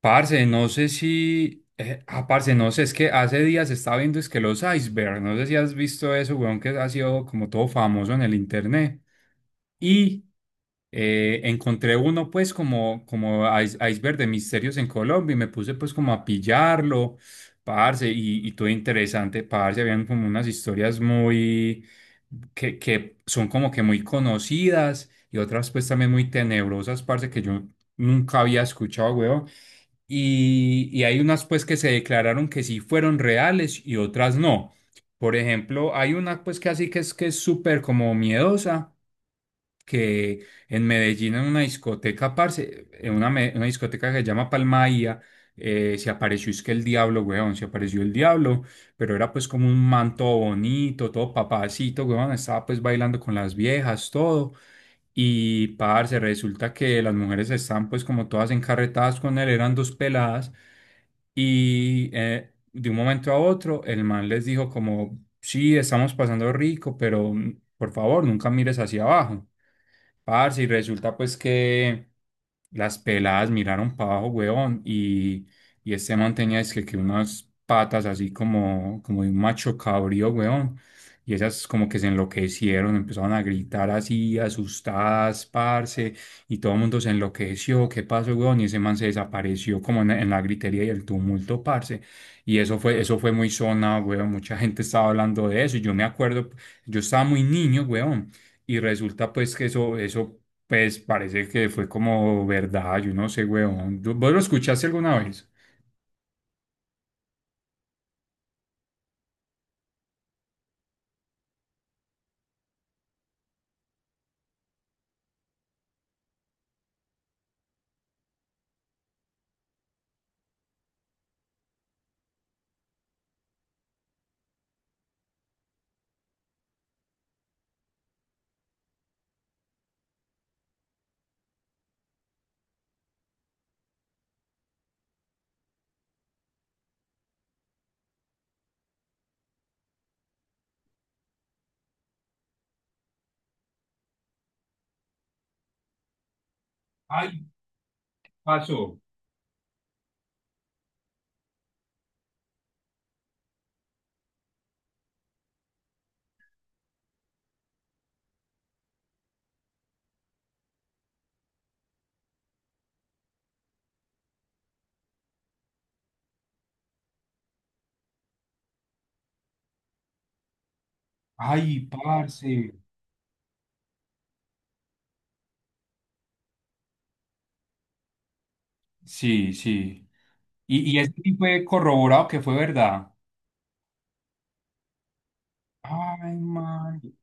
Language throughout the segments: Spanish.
Parce, no sé si. Parce, no sé, es que hace días estaba viendo es que los icebergs, no sé si has visto eso, weón, que ha sido como todo famoso en el internet. Y encontré uno, pues, como, iceberg de misterios en Colombia y me puse, pues, como a pillarlo, parce, y todo interesante, parce. Habían como unas historias muy. Que son como que muy conocidas y otras, pues, también muy tenebrosas, parce, que yo nunca había escuchado, weón y hay unas pues que se declararon que sí fueron reales y otras no. Por ejemplo, hay una pues que así que es súper como miedosa que en Medellín, en una discoteca, parce, una discoteca que se llama Palmaía, se apareció, es que el diablo, weón, se apareció el diablo, pero era pues como un manto bonito, todo papacito, weón, estaba pues bailando con las viejas, todo. Y parce, resulta que las mujeres están pues como todas encarretadas con él, eran dos peladas. Y de un momento a otro, el man les dijo como, sí, estamos pasando rico, pero por favor, nunca mires hacia abajo. Parce, y resulta pues que las peladas miraron para abajo, weón, y este man tenía es que unas patas así como, como de un macho cabrío, weón. Y esas como que se enloquecieron, empezaron a gritar así, asustadas, parce, y todo el mundo se enloqueció, ¿qué pasó, weón? Y ese man se desapareció como en la gritería y el tumulto, parce. Y eso fue muy sonado, weón, mucha gente estaba hablando de eso, y yo me acuerdo, yo estaba muy niño, weón. Y resulta pues que eso pues parece que fue como verdad, yo no sé, weón. ¿Tú- ¿Vos lo escuchaste alguna vez? Ay, pasó. Ay, parce. Sí, sí. Y ese sí fue corroborado que fue verdad. Ay, mari-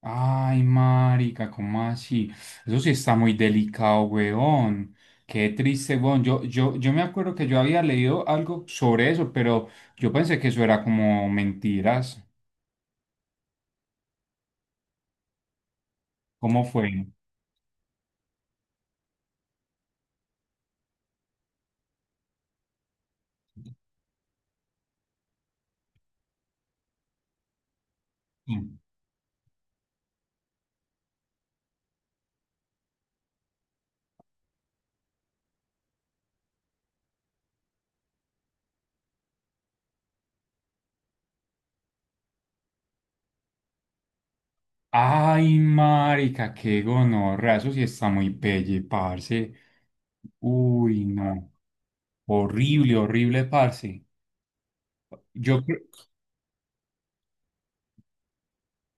Ay, marica, ¿cómo así? Eso sí está muy delicado, weón. Qué triste, weón. Yo me acuerdo que yo había leído algo sobre eso, pero yo pensé que eso era como mentiras. ¿Cómo fue? Mm. Ay, marica, qué gonorrea, eso sí está muy pelle, parce. Uy, no. Horrible, horrible, parce. Yo, cre-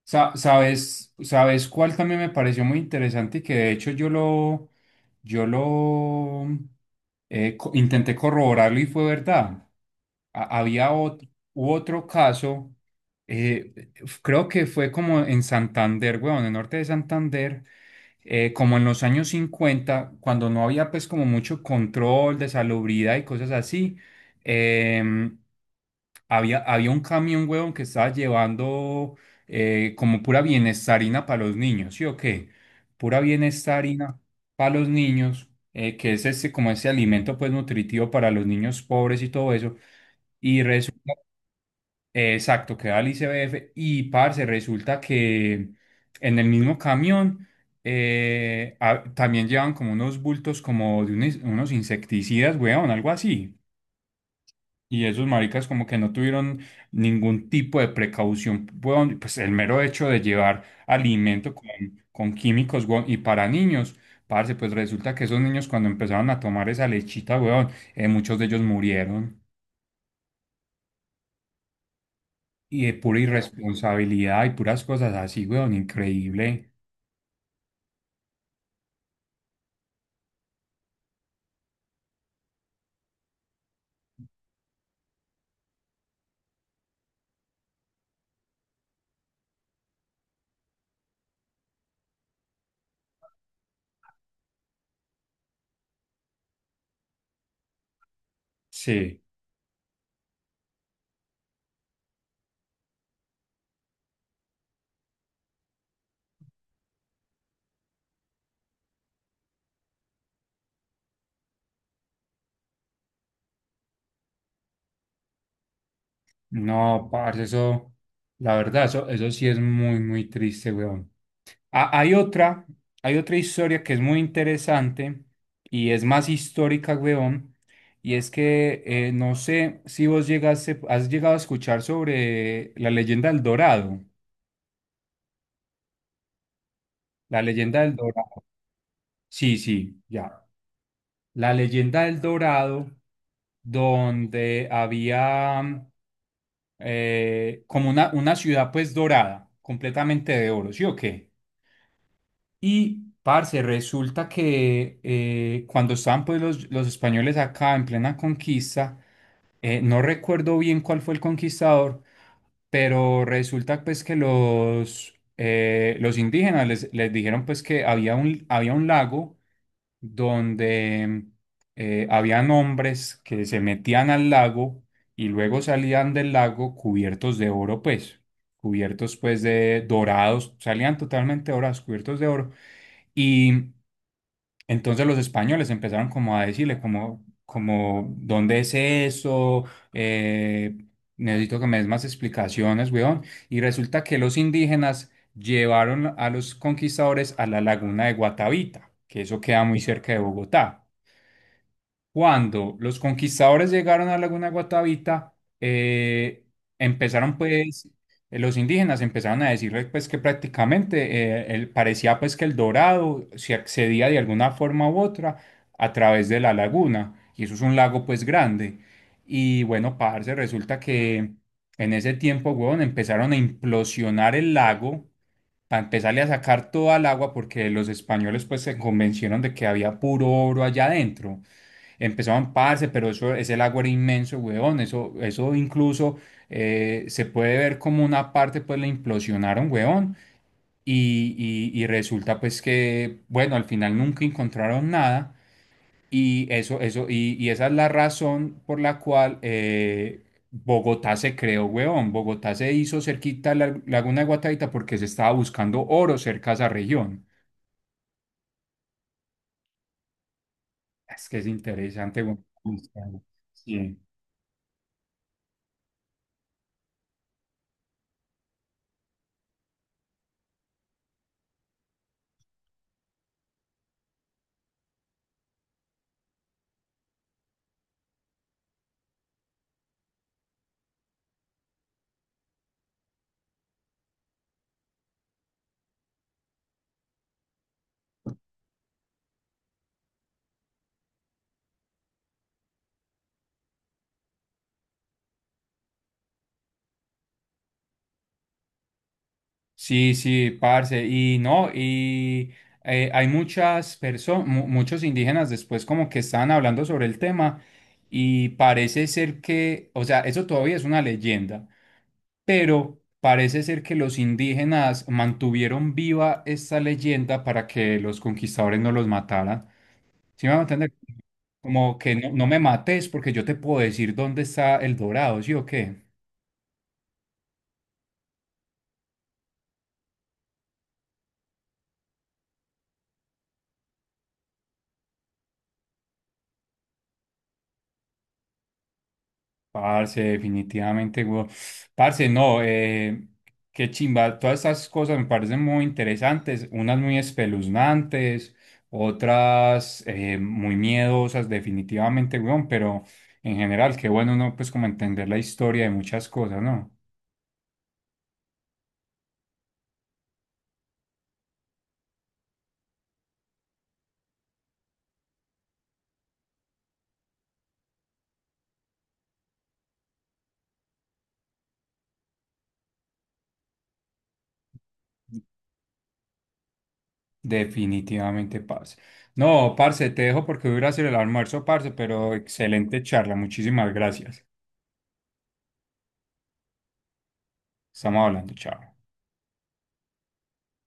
sabes, sabes cuál también me pareció muy interesante y que de hecho yo lo intenté corroborarlo y fue verdad. Había otro, otro caso, creo que fue como en Santander, weón, en el norte de Santander, como en los años 50 cuando no había pues como mucho control de salubridad y cosas así, em, había, había un camión, weón, que estaba llevando como pura bienestarina para los niños, ¿sí o qué? Pura bienestarina para los niños, que es este, como ese alimento pues nutritivo para los niños pobres y todo eso. Y resulta, exacto, queda el ICBF y parce, resulta que en el mismo camión también llevan como unos bultos como de unos, unos insecticidas, weón, algo así. Y esos maricas como que no tuvieron ningún tipo de precaución, weón, pues el mero hecho de llevar alimento con químicos, weón, y para niños, parce, pues resulta que esos niños cuando empezaron a tomar esa lechita, weón, muchos de ellos murieron. Y de pura irresponsabilidad y puras cosas así, weón, increíble. Sí, no, parce, eso, la verdad, eso sí es muy, muy triste, weón. Hay otra, hay otra historia que es muy interesante y es más histórica, weón, y es que no sé si vos llegaste, has llegado a escuchar sobre la leyenda del Dorado. La leyenda del Dorado. Sí, sí, ya. La leyenda del Dorado, donde había como una ciudad pues dorada, completamente de oro, ¿sí o qué? Y, parce, resulta que cuando estaban pues los españoles acá en plena conquista, no recuerdo bien cuál fue el conquistador, pero resulta pues que los indígenas les, les dijeron pues que había un lago donde habían hombres que se metían al lago y luego salían del lago cubiertos de oro, pues, cubiertos pues de dorados, salían totalmente dorados, cubiertos de oro. Y entonces los españoles empezaron como a decirle como, como, ¿dónde es eso? Eh, Necesito que me des más explicaciones, weón. Y resulta que los indígenas llevaron a los conquistadores a la laguna de Guatavita, que eso queda muy cerca de Bogotá. Cuando los conquistadores llegaron a Laguna Guatavita, eh, empezaron pues, los indígenas empezaron a decirles pues que prácticamente parecía pues que el Dorado se accedía de alguna forma u otra a través de la laguna, y eso es un lago pues grande. Y bueno, parce, resulta que en ese tiempo, huevón, empezaron a implosionar el lago para empezarle a sacar toda el agua porque los españoles pues se convencieron de que había puro oro allá adentro. Empezaban, parce, pero eso, ese lago era inmenso, weón. Eso incluso se puede ver como una parte, pues la implosionaron, weón. Y, y resulta, pues que, bueno, al final nunca encontraron nada. Y eso, y esa es la razón por la cual Bogotá se creó, weón. Bogotá se hizo cerquita a la Laguna de Guataita porque se estaba buscando oro cerca a esa región. Es que es interesante, weón. Sí. Sí, sí, parce, y no, y hay muchas personas, muchos indígenas después como que estaban hablando sobre el tema y parece ser que, o sea, eso todavía es una leyenda, pero parece ser que los indígenas mantuvieron viva esta leyenda para que los conquistadores no los mataran. ¿Sí me van a entender? Como que no, no me mates porque yo te puedo decir dónde está el dorado, ¿sí o qué? Parce, definitivamente, weón. Parce, no, qué chimba. Todas estas cosas me parecen muy interesantes, unas muy espeluznantes, otras muy miedosas, definitivamente, weón, pero en general, qué bueno uno, pues, como entender la historia de muchas cosas, ¿no? Definitivamente, parce. No, parce, te dejo porque voy a ir a hacer el almuerzo, parce, pero excelente charla, muchísimas gracias. Estamos hablando, chao.